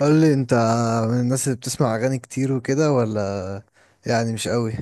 قول لي انت، من الناس اللي بتسمع اغاني كتير وكده، ولا يعني مش قوي؟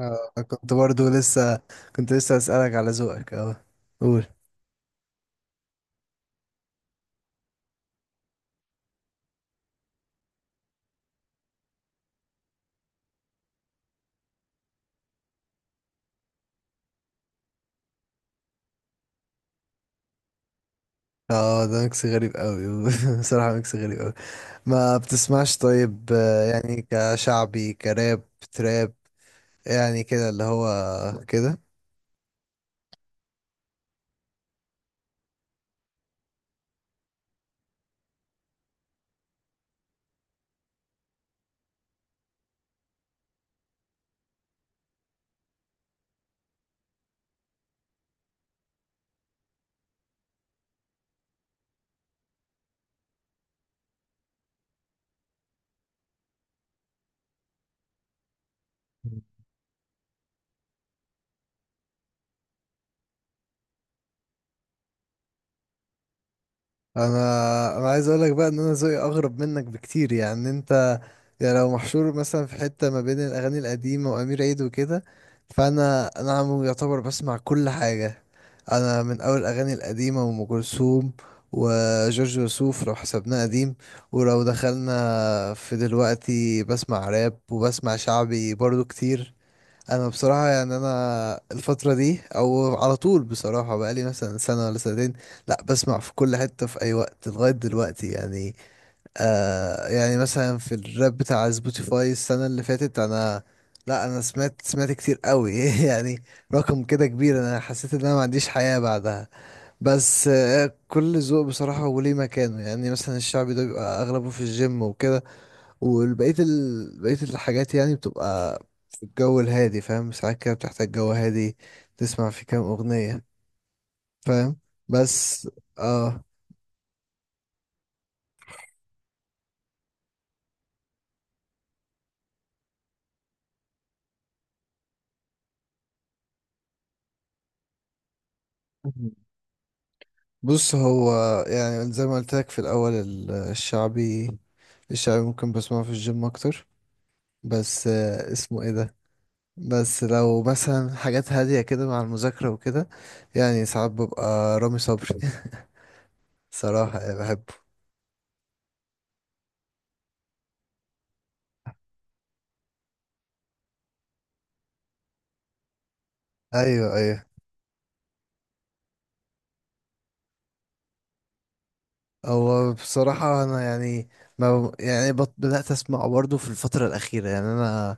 اه، كنت لسه اسالك على ذوقك. اه، قول. اه، ده ميكس غريب قوي. بصراحه ميكس غريب قوي. ما بتسمعش طيب، يعني كشعبي، كراب، تراب؟ يعني كده اللي هو كده. انا عايز اقولك بقى ان انا ذوقي اغرب منك بكتير. يعني انت يعني لو محشور مثلا في حتة ما بين الاغاني القديمة وامير عيد وكده، فانا عم يعتبر بسمع كل حاجة. انا من اول الاغاني القديمة، وام كلثوم وجورج وسوف لو حسبناه قديم. ولو دخلنا في دلوقتي، بسمع راب وبسمع شعبي برضو كتير. انا بصراحه، يعني انا الفتره دي او على طول بصراحه، بقالي مثلا سنه ولا سنتين لا بسمع في كل حته في اي وقت لغايه دلوقتي يعني. آه يعني مثلا في الراب بتاع سبوتيفاي السنه اللي فاتت، انا لا، انا سمعت كتير قوي يعني. رقم كده كبير، انا حسيت ان انا ما عنديش حياه بعدها. بس آه، كل ذوق بصراحه وليه مكانه. يعني مثلا الشعبي ده بيبقى اغلبه في الجيم وكده، والبقية بقية الحاجات يعني بتبقى في الجو الهادي. فاهم؟ ساعات كده بتحتاج جو هادي، تسمع في كام أغنية. فاهم؟ بس اه بص هو، يعني زي ما قلت لك في الأول، الشعبي، الشعبي ممكن بسمعه في الجيم أكتر. بس آه، اسمه ايه ده، بس لو مثلا حاجات هادية كده مع المذاكرة وكده، يعني ساعات ببقى رامي صبري. صراحة يعني بحبه. أيوه، أيوه. هو بصراحة أنا يعني، ما يعني بدأت أسمع برضه في الفترة الأخيرة. يعني أنا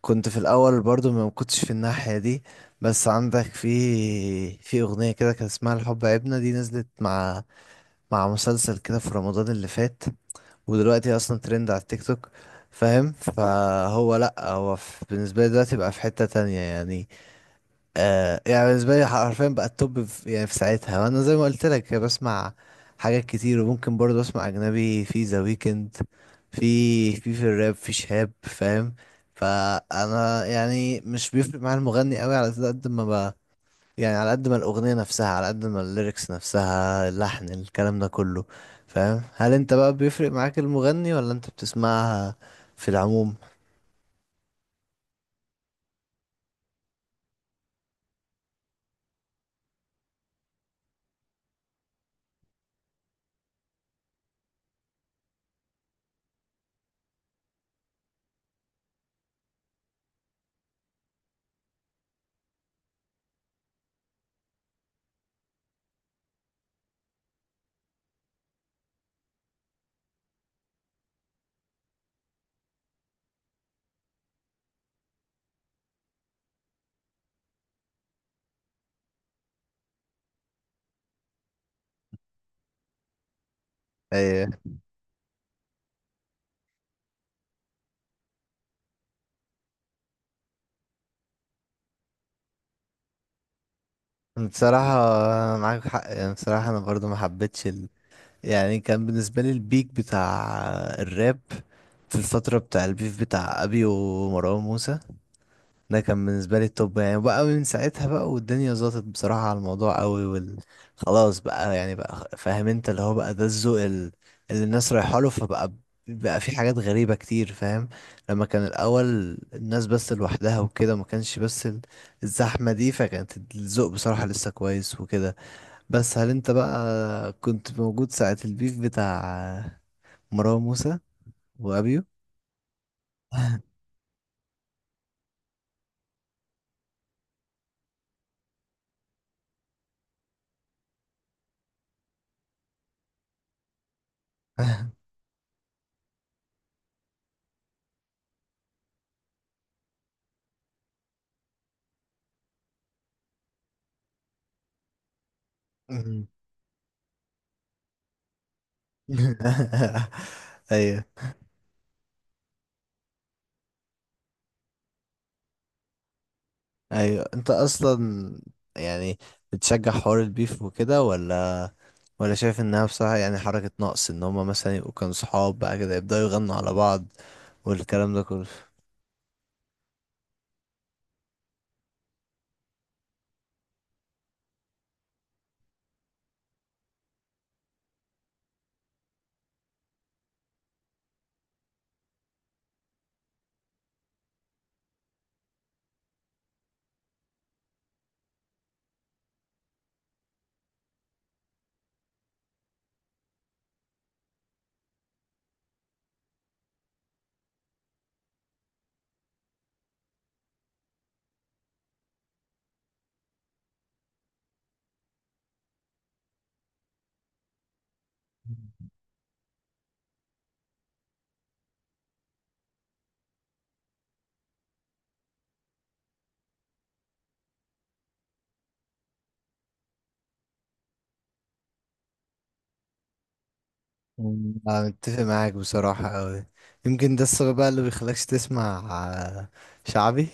كنت في الأول برضه ما كنتش في الناحية دي. بس عندك في أغنية كده كان اسمها الحب عيبنا. دي نزلت مع مع مسلسل كده في رمضان اللي فات، ودلوقتي أصلا ترند على التيك توك. فاهم؟ فهو لأ، هو بالنسبة لي دلوقتي بقى في حتة تانية يعني. آه يعني بالنسبة لي حرفيا بقى التوب في ساعتها. وانا زي ما قلت لك بسمع حاجات كتير، وممكن برضه اسمع اجنبي في ذا ويكند، في في الراب، في شهاب. فاهم؟ فانا يعني مش بيفرق معايا المغني قوي، على قد ما بقى يعني، على قد ما الاغنية نفسها، على قد ما الليركس نفسها، اللحن، الكلام ده كله. فاهم؟ هل انت بقى بيفرق معاك المغني، ولا انت بتسمعها في العموم؟ ايه بصراحة، معاك حق يعني. بصراحة أنا برضو ما حبيتش. يعني كان بالنسبة لي البيك بتاع الراب في الفترة بتاع البيف بتاع أبي ومروان موسى، ده كان بالنسبة لي التوب يعني. بقى من ساعتها بقى، والدنيا ظبطت بصراحة على الموضوع قوي، خلاص بقى. يعني بقى فاهم انت، اللي هو بقى ده الذوق اللي الناس رايحة له، فبقى بقى في حاجات غريبة كتير. فاهم؟ لما كان الأول الناس بس لوحدها وكده، ما كانش بس الزحمة دي، فكانت الذوق بصراحة لسه كويس وكده. بس هل انت بقى كنت موجود ساعة البيف بتاع مروان موسى وابيو؟ مم. ايوه، ايوه، انت اصلا يعني بتشجع حوار البيف وكده، ولا شايف انها بصراحة يعني حركة نقص، ان هما مثلا يبقوا كانوا صحاب بقى كده يبدأوا يغنوا على بعض والكلام ده كله؟ مم. انا متفق معاك بصراحة اوي. يمكن ده السبب بقى اللي بيخليكش تسمع شعبي.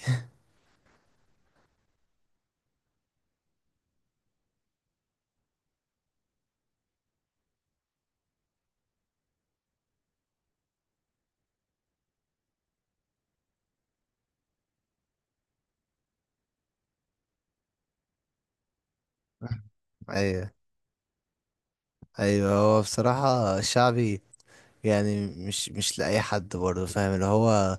ايوه، ايوه. هو بصراحة الشعبي يعني مش لأي حد برضه، فاهم؟ اللي هو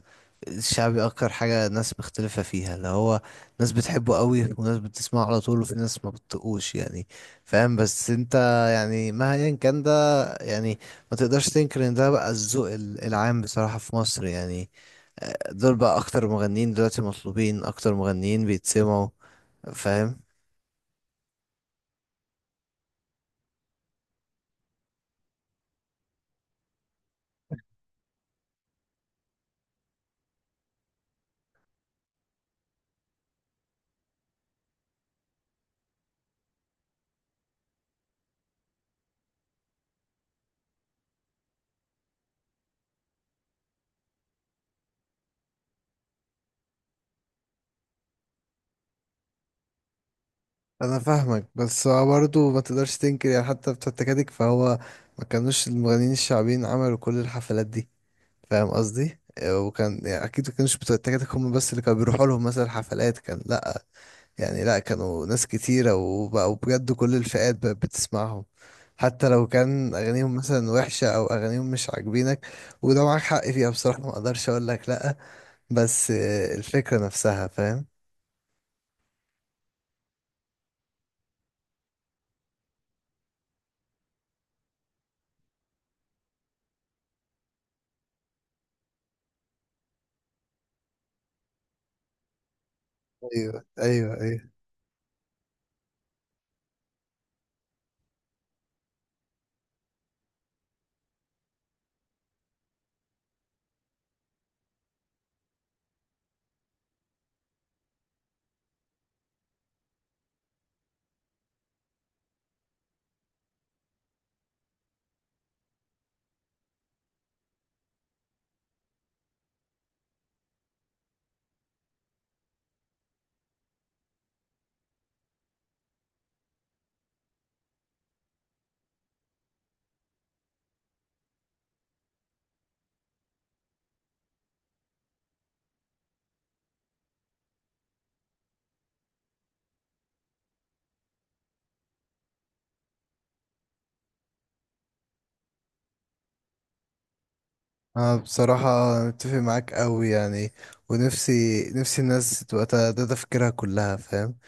الشعبي اكتر حاجة ناس مختلفة فيها، اللي هو ناس بتحبه قوي، وناس بتسمعه على طول، وفي ناس ما بتطقوش يعني. فاهم؟ بس انت يعني مهما كان ده، يعني ما تقدرش تنكر ان ده بقى الذوق العام بصراحة في مصر يعني. دول بقى اكتر مغنيين دلوقتي مطلوبين، اكتر مغنيين بيتسمعوا. فاهم؟ انا فاهمك، بس هو برضه ما تقدرش تنكر يعني، حتى بتوع التكاتك. فهو ما كانوش المغنيين الشعبيين عملوا كل الحفلات دي. فاهم قصدي؟ آه، وكان يعني اكيد ما كانوش بتوع التكاتك هم بس اللي كانوا بيروحوا لهم مثلا حفلات، كان لا، يعني لا، كانوا ناس كتيرة، وبقوا بجد كل الفئات بقت بتسمعهم، حتى لو كان اغانيهم مثلا وحشة، او اغانيهم مش عاجبينك. وده معاك حق فيها، بصراحة ما اقدرش اقول لك لا. بس آه، الفكرة نفسها. فاهم؟ ايوه، ايوه، ايوه. أنا بصراحة أتفق معاك أوي يعني، ونفسي نفسي الناس تبقى ده ده تفكيرها كلها. فاهم؟